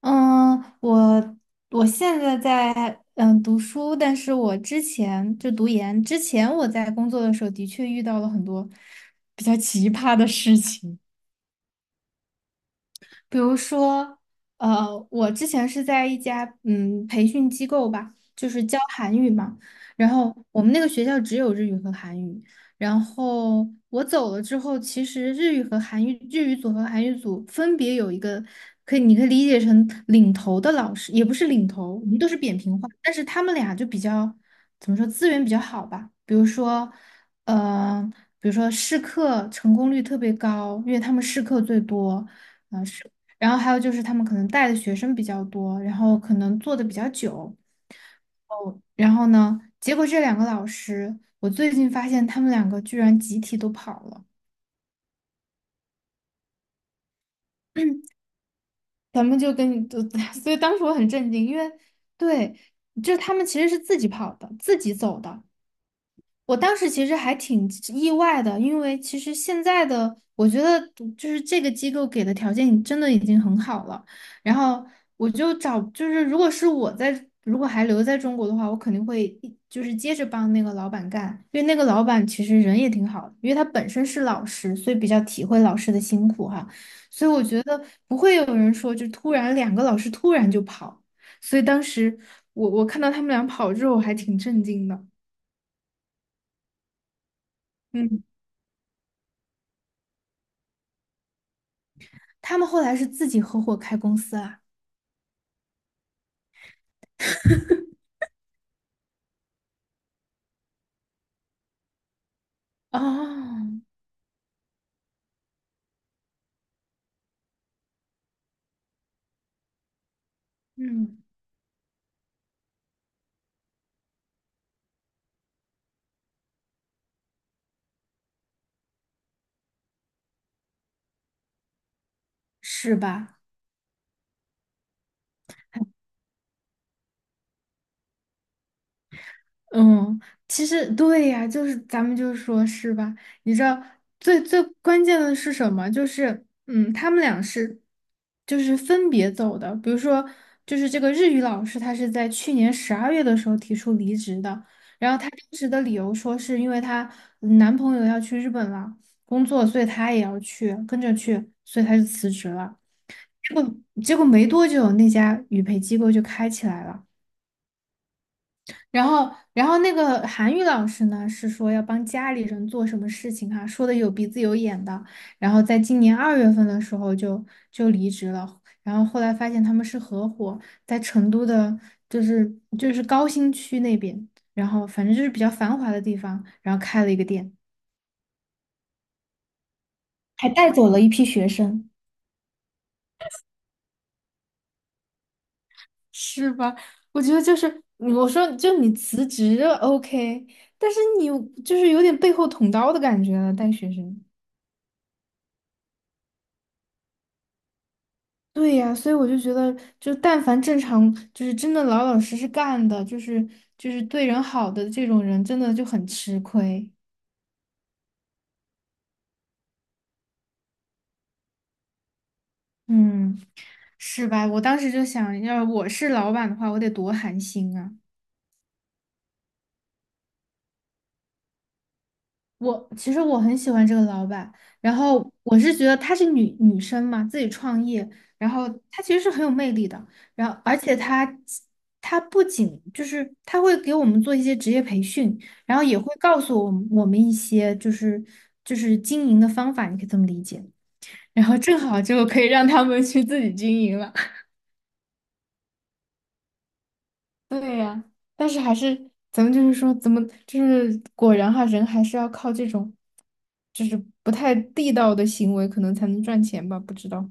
嗯，我现在在读书，但是我之前读研之前，我在工作的时候的确遇到了很多比较奇葩的事情。比如说，我之前是在一家培训机构吧，就是教韩语嘛。然后我们那个学校只有日语和韩语。然后我走了之后，其实日语组和韩语组分别有一个你可以理解成领头的老师，也不是领头，我们都是扁平化，但是他们俩就比较怎么说资源比较好吧，比如说，呃，比如说试课成功率特别高，因为他们试课最多。然后还有就是他们可能带的学生比较多，然后可能做的比较久。哦，然后呢，结果这两个老师，我最近发现他们两个居然集体都跑了。咱们就跟你，就 所以当时我很震惊，因为对，就他们其实是自己跑的，自己走的，我当时其实还挺意外的，因为其实现在的我觉得就是这个机构给的条件真的已经很好了。然后我就找，就是如果是我在，如果还留在中国的话，我肯定会就是接着帮那个老板干，因为那个老板其实人也挺好的，因为他本身是老师，所以比较体会老师的辛苦哈。所以我觉得不会有人说就突然两个老师突然就跑，所以当时我看到他们俩跑之后，我还挺震惊的。嗯。他们后来是自己合伙开公司啊。哦，嗯，是吧？嗯，其实对呀，就是咱们就说是吧？你知道最最关键的是什么？就是他们俩是就是分别走的。比如说，就是这个日语老师，他是在去年十二月的时候提出离职的，然后她当时的理由说是因为她男朋友要去日本了工作，所以她也要去跟着去，所以她就辞职了。结果没多久，那家语培机构就开起来了。然后，然后那个韩语老师呢，是说要帮家里人做什么事情哈、说的有鼻子有眼的。然后在今年二月份的时候就离职了。然后后来发现他们是合伙，在成都的，就是就是高新区那边，然后反正就是比较繁华的地方，然后开了一个店，还带走了一批学生。是吧？我觉得就是我说就你辞职 OK，但是你就是有点背后捅刀的感觉了，带学生。对呀，所以我就觉得，就但凡正常，就是真的老老实实干的，就是对人好的这种人，真的就很吃亏。嗯，是吧？我当时就想，要我是老板的话，我得多寒心啊。我其实我很喜欢这个老板，然后我是觉得她是女生嘛，自己创业，然后她其实是很有魅力的，然后而且她不仅就是她会给我们做一些职业培训，然后也会告诉我们一些就是就是经营的方法，你可以这么理解，然后正好就可以让他们去自己经营了。对呀，但是还是咱们就是说，怎么就是果然哈，人还是要靠这种，就是不太地道的行为，可能才能赚钱吧？不知道，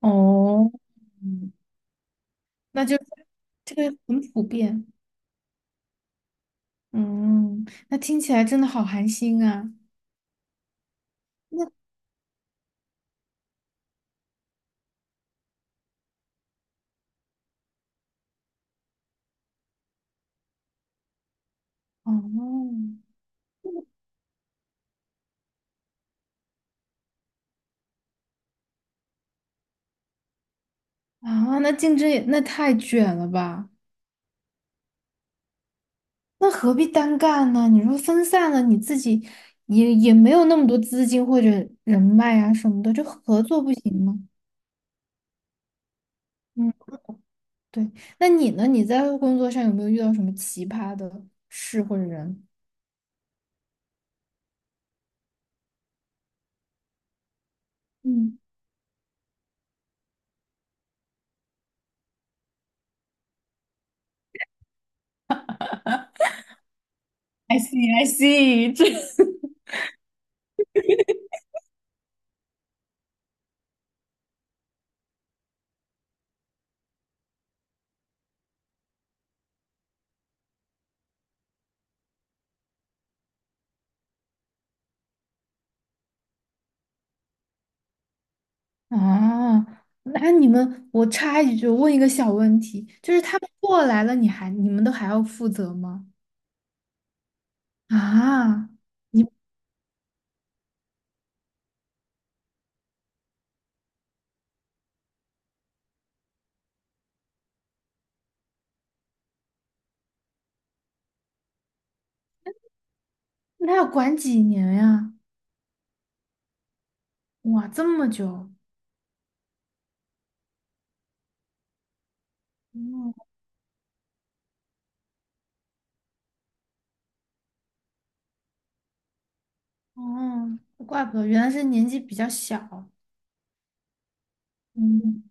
哦，嗯，那就这个很普遍。嗯，那听起来真的好寒心啊。那哦，啊，那竞争也那太卷了吧？那何必单干呢？你说分散了，你自己也也没有那么多资金或者人脉啊什么的，就合作不行吗？嗯。对，那你呢？你在工作上有没有遇到什么奇葩的事或者人？嗯，I see, I see，这 啊，那你们，我插一句，问一个小问题，就是他们过来了，你们都还要负责吗？啊，你那要管几年呀？哇，这么久。嗯，哦，怪不得原来是年纪比较小，嗯，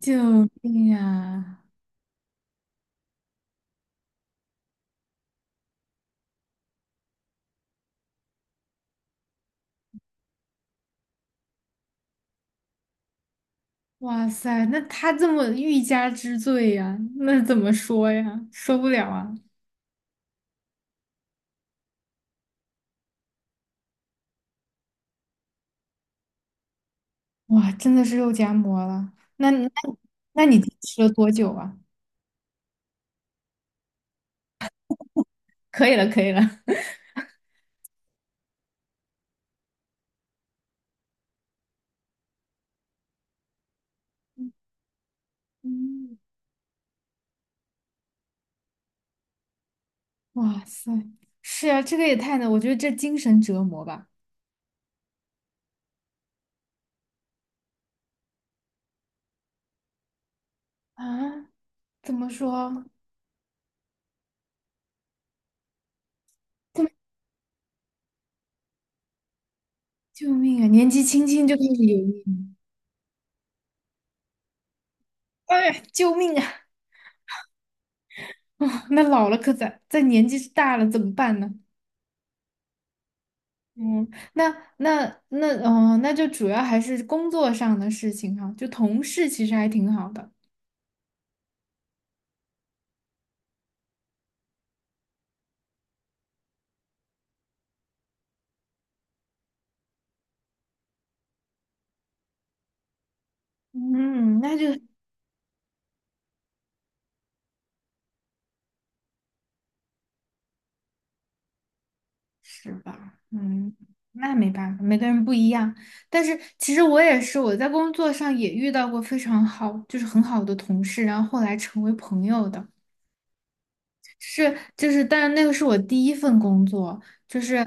救命呀！哇塞，那他这么欲加之罪呀，那怎么说呀？受不了啊！哇，真的是肉夹馍了。那那你吃了多久啊？可以了，可以了。嗯，哇塞，是啊，这个也太难，我觉得这精神折磨吧。啊，怎么说？这么救命啊！年纪轻轻就开始油腻，哎呀，救命啊！啊，那老了可咋？再年纪大了怎么办呢？嗯，那那就主要还是工作上的事情哈、就同事其实还挺好的。嗯，那就是吧，嗯，那没办法，每个人不一样。但是其实我也是，我在工作上也遇到过非常好，就是很好的同事，然后后来成为朋友的。是，就是，但是那个是我第一份工作，就是，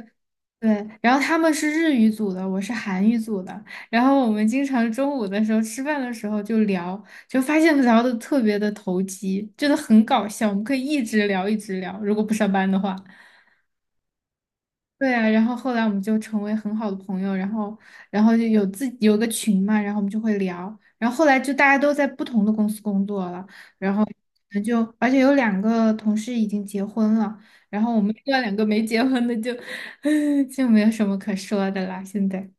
对，然后他们是日语组的，我是韩语组的，然后我们经常中午的时候吃饭的时候就聊，就发现聊的特别的投机，真的很搞笑，我们可以一直聊一直聊，如果不上班的话。对啊，然后后来我们就成为很好的朋友，然后，然后就有自己有个群嘛，然后我们就会聊，然后后来就大家都在不同的公司工作了。那就而且有两个同事已经结婚了，然后我们另外两个没结婚的就 就没有什么可说的啦。现在，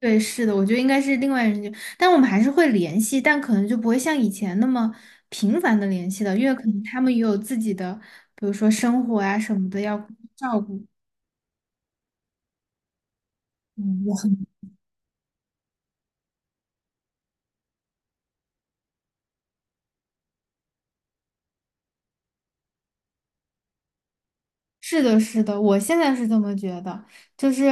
对，是的，我觉得应该是另外人就，但我们还是会联系，但可能就不会像以前那么频繁的联系了，因为可能他们也有自己的，比如说生活啊什么的要照顾。嗯，很。是的，是的，我现在是这么觉得，就是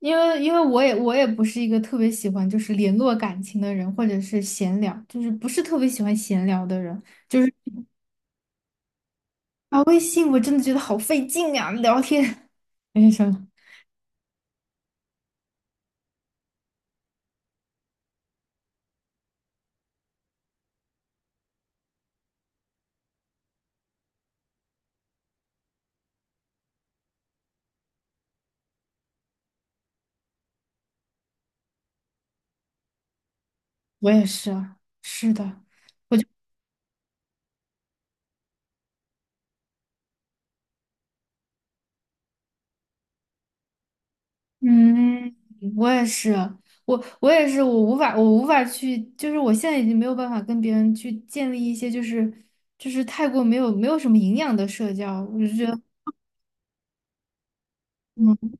因为我也不是一个特别喜欢就是联络感情的人，或者是闲聊，就是不是特别喜欢闲聊的人，就是啊微信我真的觉得好费劲啊，聊天。没什么，我也是啊，是的，嗯，我也是，我也是，我无法去，就是我现在已经没有办法跟别人去建立一些就是太过没有什么营养的社交，我就觉得。嗯。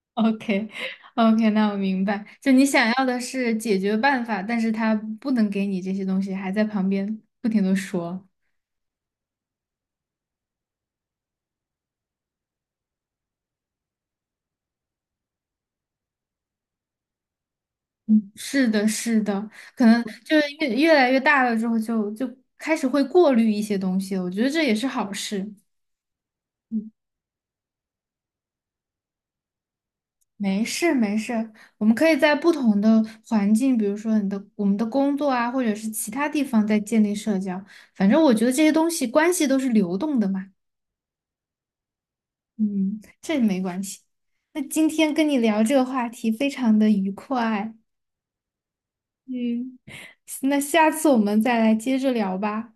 OK OK，那我明白，就你想要的是解决办法，但是他不能给你这些东西，还在旁边不停的说。嗯，是的，是的，可能就是越来越大了之后就，就开始会过滤一些东西了，我觉得这也是好事。嗯，没事没事，我们可以在不同的环境，比如说我们的工作啊，或者是其他地方在建立社交，反正我觉得这些东西关系都是流动的嘛。嗯，这没关系。那今天跟你聊这个话题非常的愉快，嗯，那下次我们再来接着聊吧。